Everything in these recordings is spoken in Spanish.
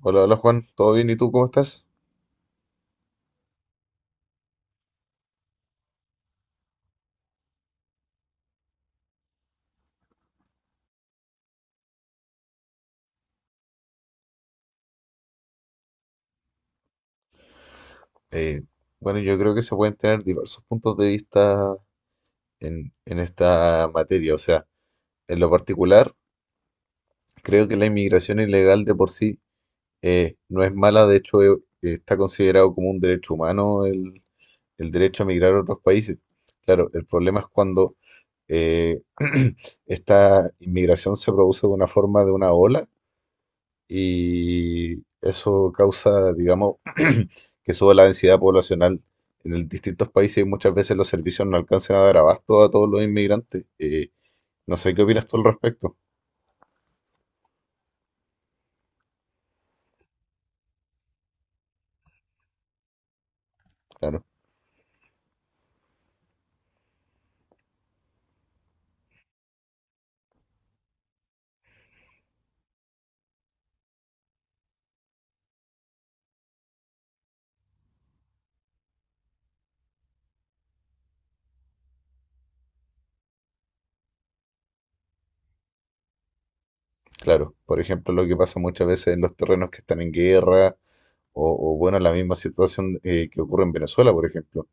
Hola, hola Juan, ¿todo bien? ¿Y tú cómo estás? Eh, bueno, yo creo que se pueden tener diversos puntos de vista en esta materia. O sea, en lo particular, creo que la inmigración ilegal de por sí no es mala. De hecho, está considerado como un derecho humano el derecho a migrar a otros países. Claro, el problema es cuando eh, esta inmigración se produce de una forma, de una ola y eso causa, digamos, que suba la densidad poblacional. Distintos países y muchas veces los servicios no alcanzan a dar abasto a todos los inmigrantes. No sé qué opinas tú al respecto. Claro, claro. Por ejemplo, lo que pasa muchas veces en los terrenos que están en guerra bueno, la misma situación que ocurre en Venezuela, por ejemplo.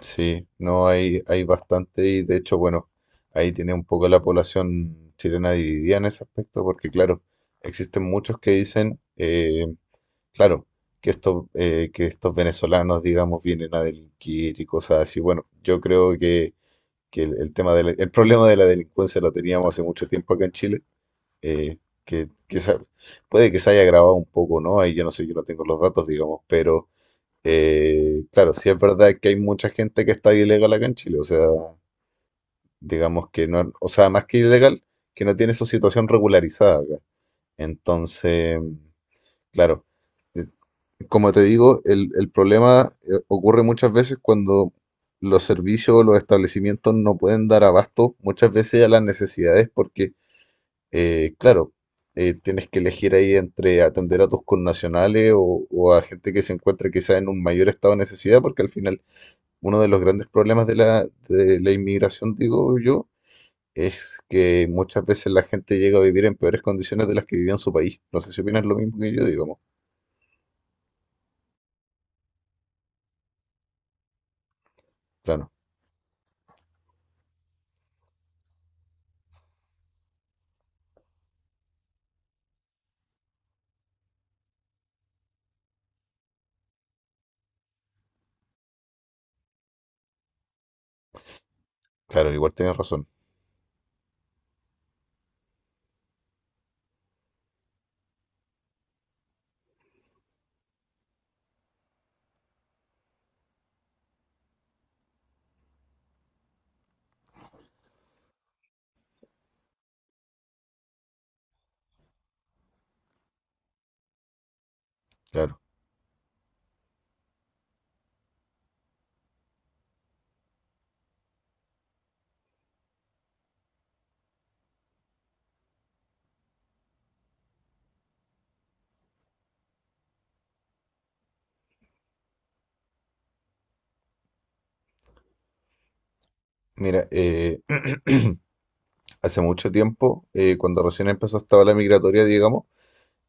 Sí, no hay bastante y de hecho, bueno, ahí tiene un poco la población chilena dividida en ese aspecto, porque claro, existen muchos que dicen, claro, que estos venezolanos, digamos, vienen a delinquir y cosas así. Bueno, yo creo que el tema de el problema de la delincuencia lo teníamos hace mucho tiempo acá en Chile, eh, que, que se- puede que se haya agravado un poco, ¿no? Ahí yo no sé, yo no tengo los datos, digamos, pero claro, sí es verdad que hay mucha gente que está ilegal acá en Chile, o sea, digamos que no, o sea, más que ilegal, que no tiene su situación regularizada acá. Entonces, claro, eh, como te digo, el problema ocurre muchas veces cuando los servicios o los establecimientos no pueden dar abasto muchas veces a las necesidades porque, claro, tienes que elegir ahí entre atender a tus connacionales o a gente que se encuentra quizás en un mayor estado de necesidad porque al final uno de los grandes problemas de la inmigración, digo yo, es que muchas veces la gente llega a vivir en peores condiciones de las que vivía en su país. No sé si opinas lo mismo que yo, digamos. Claro, claro, igual tienes razón, claro. Mira, hace mucho tiempo, cuando recién empezó esta ola migratoria, digamos,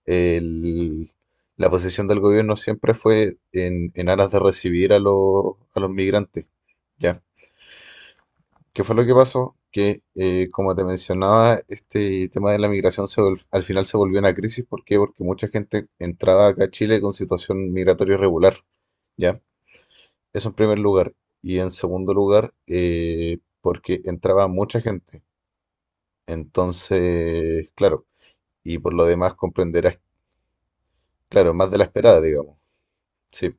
el- la posición del gobierno siempre fue en aras de recibir a los migrantes, ¿ya? ¿Qué fue lo que pasó? Que, como te mencionaba, este tema de la migración al final se volvió una crisis. ¿Por qué? Porque mucha gente entraba acá a Chile con situación migratoria irregular, ¿ya? Eso en primer lugar. Y en segundo lugar, porque entraba mucha gente. Entonces, claro, y por lo demás comprenderás, claro, más de la esperada, digamos. Sí.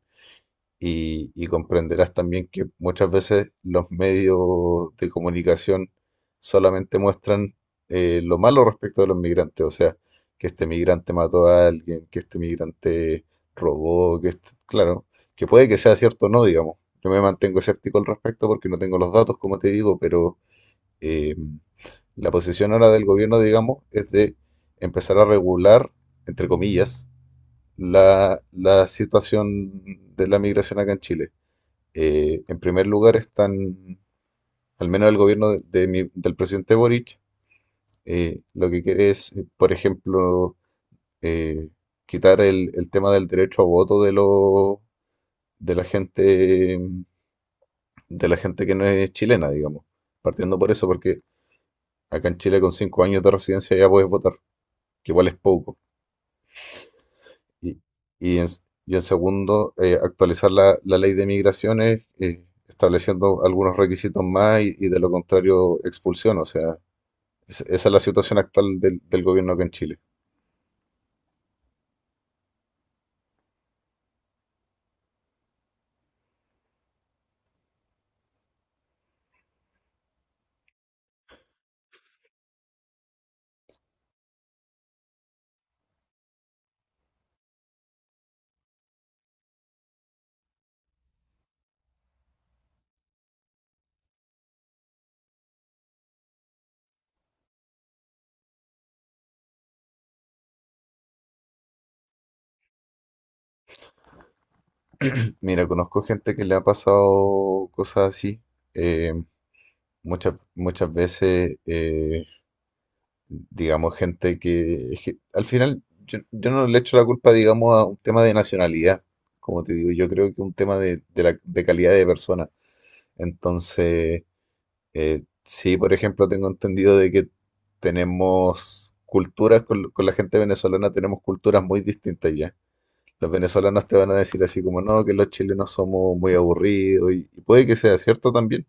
Y comprenderás también que muchas veces los medios de comunicación solamente muestran lo malo respecto de los migrantes, o sea, que este migrante mató a alguien, que este migrante robó, claro, que puede que sea cierto o no, digamos. Yo me mantengo escéptico al respecto porque no tengo los datos, como te digo, pero eh, la posición ahora del gobierno, digamos, es de empezar a regular, entre comillas, la situación de la migración acá en Chile. En primer lugar están, al menos el gobierno del presidente Boric, lo que quiere es, por ejemplo, eh, quitar el tema del derecho a voto de la gente, de la gente que no es chilena, digamos. Partiendo por eso, porque acá en Chile con 5 años de residencia ya puedes votar, que igual es poco. Y, y en, y en segundo, actualizar la ley de migraciones, estableciendo algunos requisitos más y de lo contrario expulsión, o sea. Esa es la situación actual del gobierno acá en Chile. Mira, conozco gente que le ha pasado cosas así. eh, muchas veces, digamos, gente que, es que al final yo no le echo la culpa, digamos, a un tema de nacionalidad. Como te digo, yo creo que un tema de calidad de persona. Entonces, sí, por ejemplo, tengo entendido de que tenemos culturas, con la gente venezolana tenemos culturas muy distintas ya. Los venezolanos te van a decir así como, no, que los chilenos somos muy aburridos y puede que sea cierto también.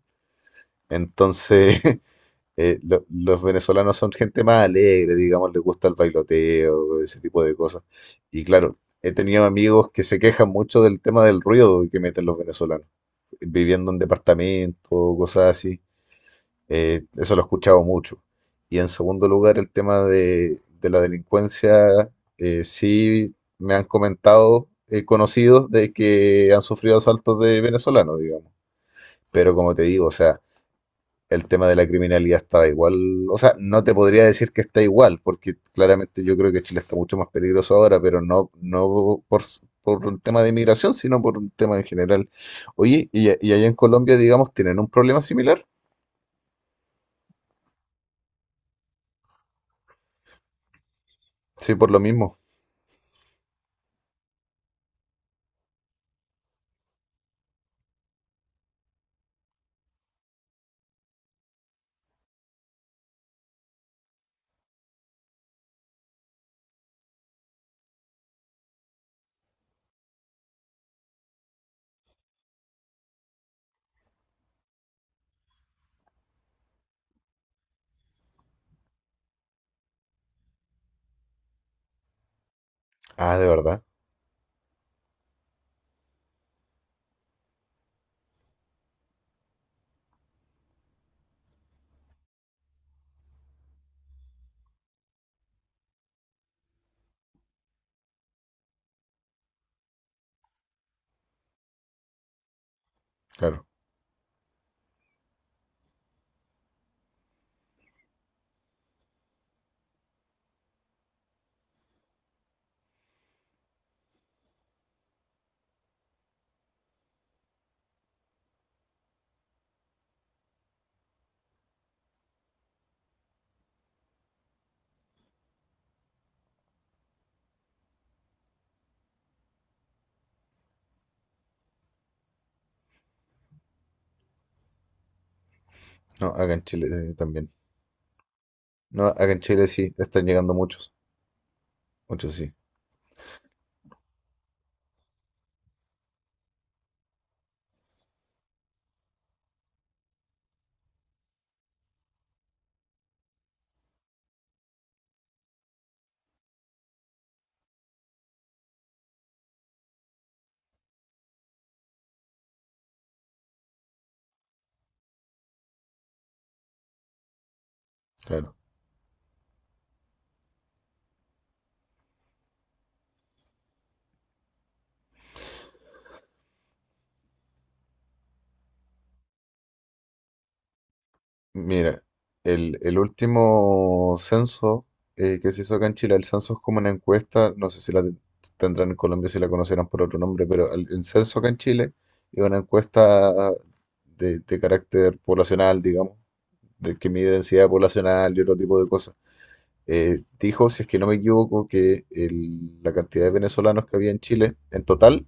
Entonces, los venezolanos son gente más alegre, digamos, les gusta el bailoteo, ese tipo de cosas. Y claro, he tenido amigos que se quejan mucho del tema del ruido que meten los venezolanos, viviendo en departamentos, cosas así. Eso lo he escuchado mucho. Y en segundo lugar, el tema de la delincuencia, sí me han comentado conocidos de que han sufrido asaltos de venezolanos, digamos. Pero como te digo, o sea, el tema de la criminalidad está igual, o sea, no te podría decir que está igual, porque claramente yo creo que Chile está mucho más peligroso ahora, pero no, no por un tema de inmigración, sino por un tema en general. Oye, y allá en Colombia, digamos, tienen un problema similar. Sí, por lo mismo. Ah, ¿de verdad? Claro. No, acá en Chile también. No, acá en Chile sí, están llegando muchos. Muchos sí, claro. Mira, el último censo que se hizo acá en Chile, el censo es como una encuesta, no sé si la tendrán en Colombia, si la conocerán por otro nombre, pero el censo acá en Chile es una encuesta de carácter poblacional, digamos, de que mide densidad poblacional y otro tipo de cosas. Dijo, si es que no me equivoco, que la cantidad de venezolanos que había en Chile en total,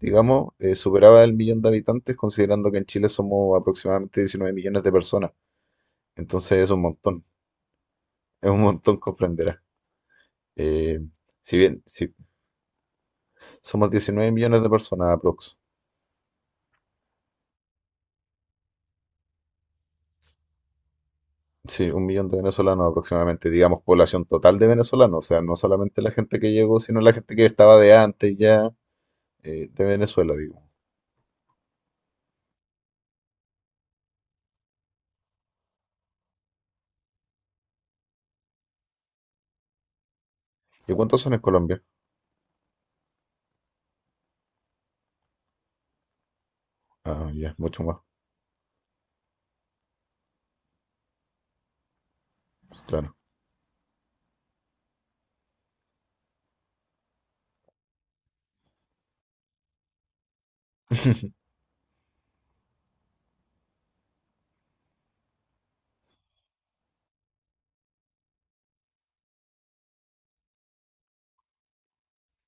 digamos, superaba el millón de habitantes, considerando que en Chile somos aproximadamente 19 millones de personas. Entonces es un montón, comprenderás. Eh, si bien si somos 19 millones de personas aprox. Sí, 1 millón de venezolanos aproximadamente, digamos, población total de venezolanos, o sea, no solamente la gente que llegó, sino la gente que estaba de antes ya de Venezuela, digo. ¿Y cuántos son en Colombia? Ah, ya, mucho más. Claro.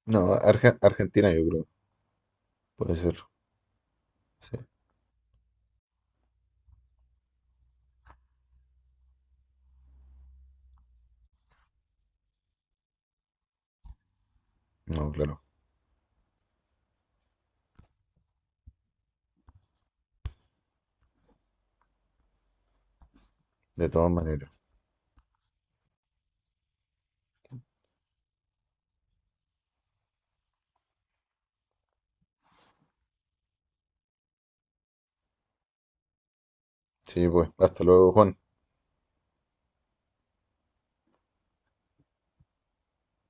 No, Argentina yo creo. Puede ser. Sí. No, claro. De todas maneras. Sí, pues. Hasta luego, Juan.